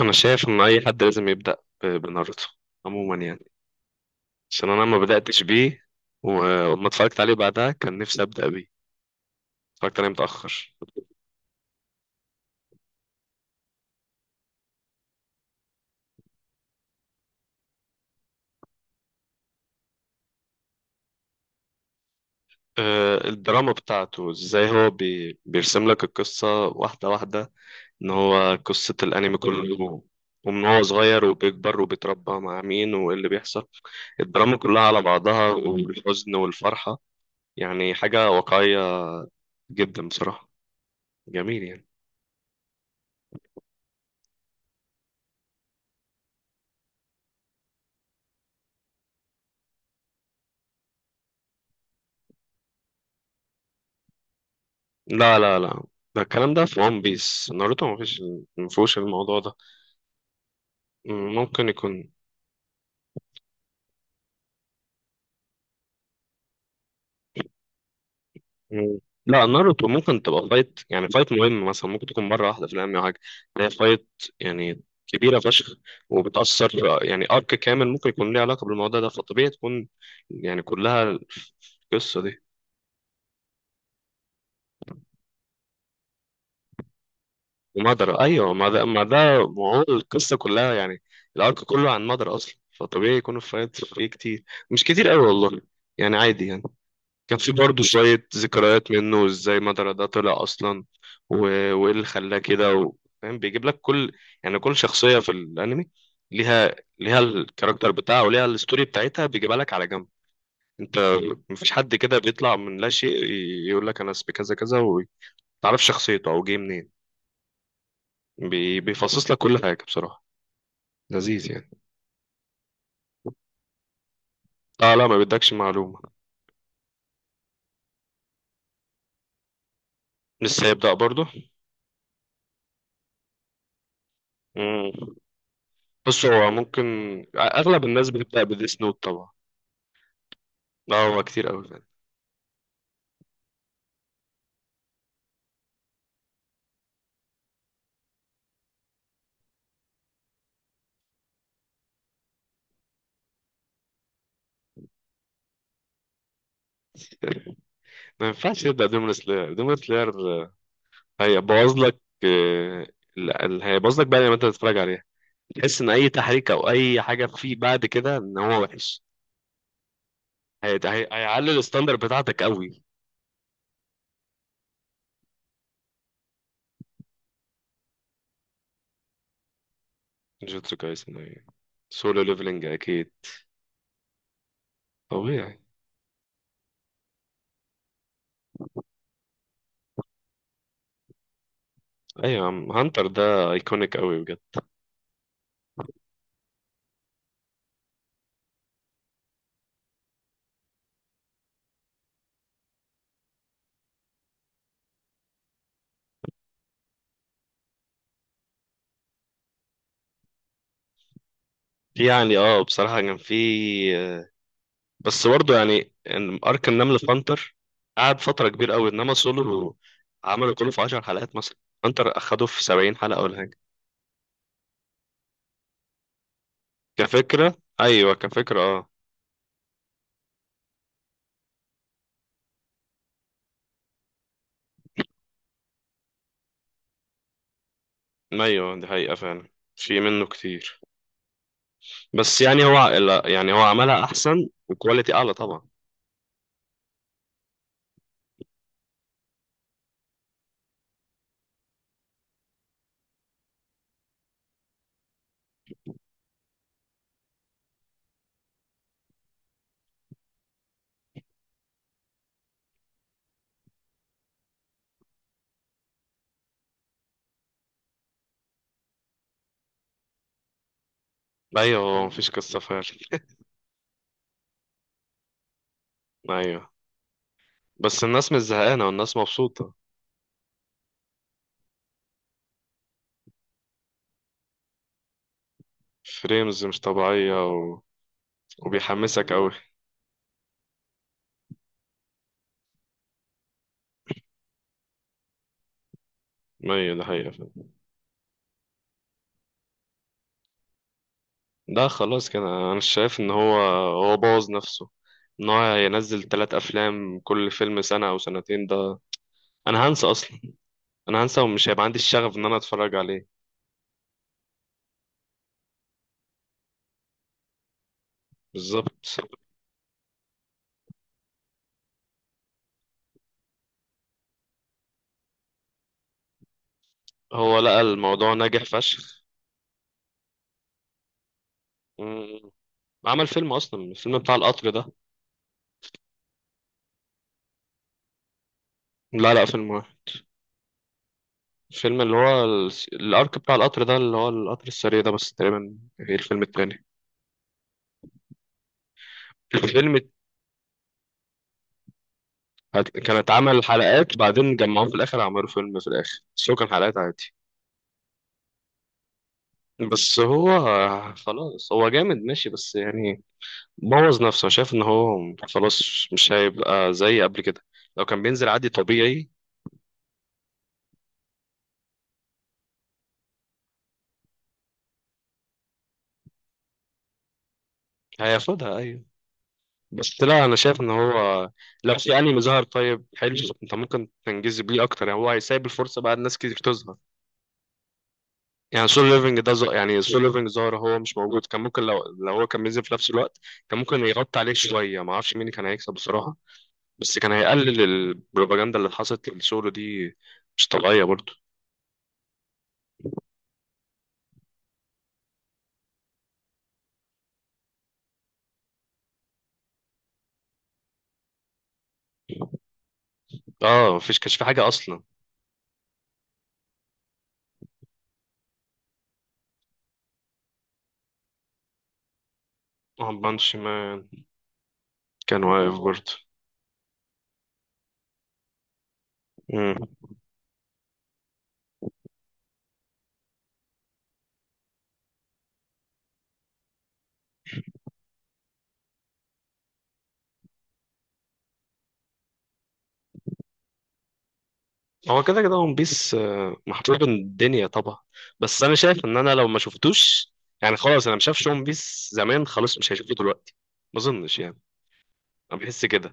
انا شايف ان اي حد لازم يبدا بناروتو عموما يعني، عشان انا ما بداتش بيه وما اتفرجت عليه بعدها، كان نفسي ابدا بيه. اتفرجت عليه متاخر. الدراما بتاعته ازاي، هو بيرسم لك القصه واحده واحده، ان هو قصه الانمي كله، ومن هو صغير وبيكبر وبيتربى مع مين وايه اللي بيحصل، الدراما كلها على بعضها والحزن والفرحه. يعني حاجه واقعيه جدا بصراحه. جميل يعني. لا لا لا، ده الكلام ده في ون بيس. ناروتو ما فيش، ما فيهوش الموضوع ده. ممكن يكون. مم. لا، ناروتو ممكن تبقى فايت، يعني فايت مهم مثلا، ممكن تكون مرة واحدة في الأنمي أو حاجة. هي فايت يعني كبيرة فشخ، وبتأثر. يعني أرك كامل ممكن يكون ليه علاقة بالموضوع ده، فطبيعي تكون يعني كلها. القصة دي ومدرة، أيوه ما ده ما ده، وعموما القصة كلها يعني الأرك كله عن مدرة أصلا، فطبيعي يكون الفايت فيه كتير. مش كتير أوي والله، يعني عادي يعني. كان في برضه شوية ذكريات منه، ازاي مدرة ده طلع أصلا، و... وإيه اللي خلاه كده. و... فاهم، بيجيب لك كل، يعني كل شخصية في الأنمي ليها، الكاركتر بتاعها وليها الستوري بتاعتها، بيجيبها لك على جنب أنت. مفيش حد كده بيطلع من لا شيء يقول لك أنا اسمي كذا كذا، ومتعرفش شخصيته أو جه منين. بيفصص لك كل حاجة بصراحة. لذيذ يعني. اه لا، ما بيدكش معلومة. لسه هيبدأ برضه. مم. بص هو ممكن، أغلب الناس بتبدأ بديس نوت طبعا. لا هو كتير أوي. ما ينفعش تبدا دومينو سلاير. دومينو سلاير هيبوظ لك. هيبوظ لك بقى لما انت تتفرج عليها، تحس ان اي تحريك او اي حاجه فيه بعد كده ان هو وحش. هيعلي الستاندر بتاعتك قوي. جوتسو كايسن، أيوة. سولو ليفلنج اكيد. طبيعي. ايوه يا عم، هانتر ده ايكونيك قوي بجد. في يعني بصراحه كان في، آه، بس برضه يعني إن ارك النمل في هانتر قعد فتره كبيره قوي، انما سولو عملوا كله في 10 حلقات مثلا، هانتر اخدوه في 70 حلقه ولا حاجه. كفكرة أيوة، كفكرة أه. أيوة دي حقيقة فعلا، في منه كتير. بس يعني هو، لا يعني هو عملها أحسن وكواليتي أعلى طبعا. أيوة، هو مفيش قصة فعلا. أيوة، بس الناس مش زهقانة والناس مبسوطة. فريمز مش طبيعية، و... وبيحمسك أوي. أيوة دي حقيقة فعلا. ده خلاص كده. أنا شايف إن هو بوظ نفسه، إن هو ينزل تلات أفلام كل فيلم سنة أو سنتين ده. أنا هنسى أصلا. أنا هنسى ومش هيبقى عندي الشغف إن أنا أتفرج عليه. بالظبط، هو لقى الموضوع ناجح فشخ. مم. عمل فيلم اصلا، الفيلم بتاع القطر ده. لا لا، فيلم واحد. الفيلم اللي هو الارك بتاع القطر ده، اللي هو القطر السريع ده بس تقريبا، غير الفيلم التاني. الفيلم كان اتعمل حلقات بعدين جمعوهم في الاخر، عملوا فيلم في الاخر، بس هو كان حلقات عادي. بس هو خلاص، هو جامد ماشي بس يعني بوظ نفسه. شايف ان هو خلاص مش هيبقى زي قبل كده، لو كان بينزل عادي طبيعي. هياخدها ايوه، بس لا، انا شايف ان هو لو في انمي ظهر طيب حلو، انت ممكن تنجذب بيه اكتر، يعني هو هيسيب الفرصه بقى الناس كتير تظهر. يعني سول ليفنج ده يعني سول ليفنج ظهر، هو مش موجود. كان ممكن لو هو كان بينزل في نفس الوقت، كان ممكن يغطي عليه شويه. ما اعرفش مين كان هيكسب بصراحه، بس كان هيقلل البروباجندا اللي حصلت لسولو دي. مش طبيعيه برضه. اه مفيش، كانش في حاجه اصلا. وان بانش مان كان واقف برضه. هو كده كده ون بيس محبوب الدنيا طبعا. بس انا شايف ان انا لو ما شفتوش، يعني خلاص، انا ما شافش ون بيس زمان، خلاص مش هيشوفه دلوقتي ما اظنش يعني. انا بحس كده،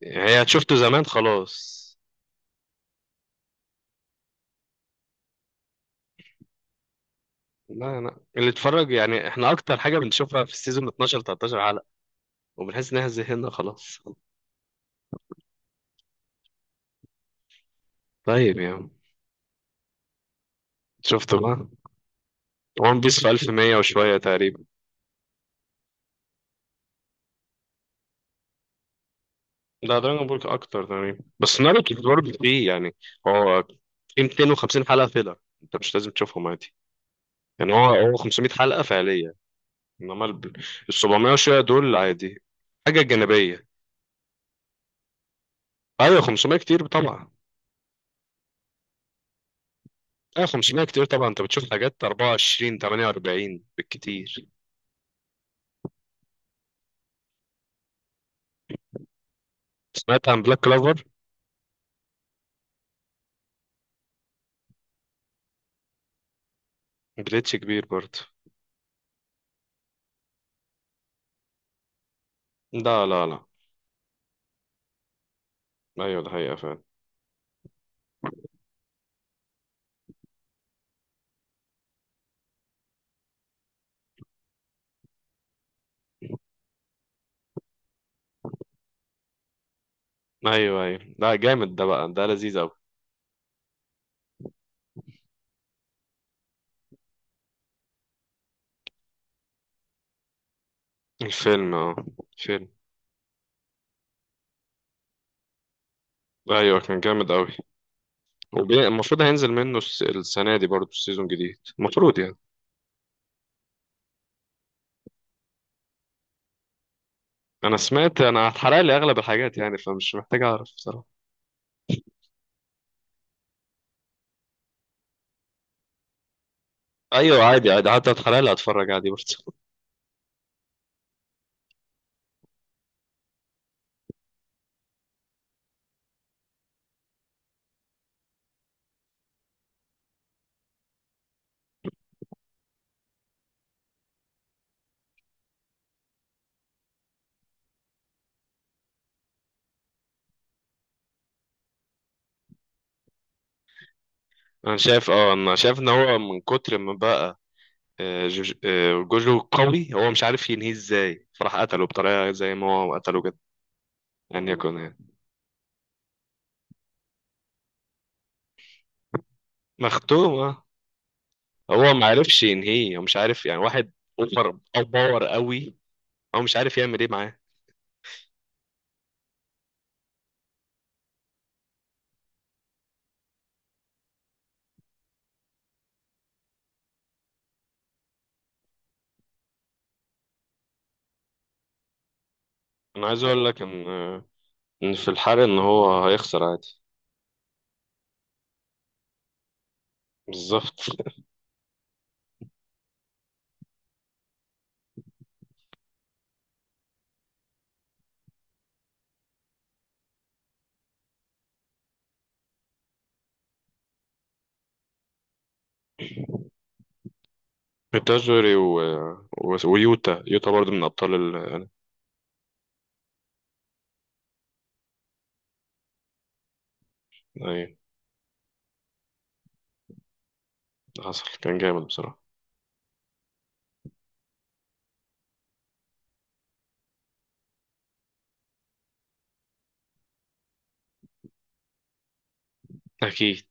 يعني هي شفته زمان خلاص. لا لا، اللي اتفرج، يعني احنا اكتر حاجه بنشوفها في السيزون 12 13 حلقه، وبنحس انها زهقنا خلاص. طيب يعني شفته بقى. ون بيس في 1100 وشويه تقريبا. لا، دراجون بول اكتر تقريبا، بس ناروتو برضه فيه يعني، هو في 250 حلقه فيلر انت مش لازم تشوفهم عادي. يعني هو 500 حلقة فعلية، انما ال 700 وشوية دول عادي. حاجة جانبية. ايوه 500 كتير طبعا. ايوه 500 كتير طبعا، انت بتشوف حاجات 24 48 بالكتير. سمعت عن بلاك كلوفر. جليتش كبير برضه. لا لا لا. ايوه ده حقيقة فعلا. ايوه ايوه، لا جامد، ده بقى ده لذيذ اوي. الفيلم، فيلم. ايوه كان جامد اوي. المفروض هينزل منه السنة دي برضه، السيزون جديد المفروض يعني. انا سمعت، انا اتحرق لي اغلب الحاجات يعني، فمش محتاج اعرف بصراحة. ايوه عادي عادي، حتى اتحلال اتفرج عادي برضه. انا شايف، انا شايف ان هو من كتر ما بقى جوجو قوي، هو مش عارف ينهيه ازاي، فراح قتله بطريقه زي ما هو قتله كده. ان يكون يعني مختوم، اه. هو ما عرفش ينهيه، هو مش عارف يعني واحد اوفر او باور قوي، هو مش عارف يعمل ايه معاه. انا عايز اقول لك ان ان في الحرق ان هو هيخسر عادي. بالظبط ميتاجوري ويوتا، برضه من ابطال ال... آه، ايه، حصل كان جامد بصراحه. اكيد.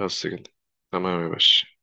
بس كده. تمام يا باشا.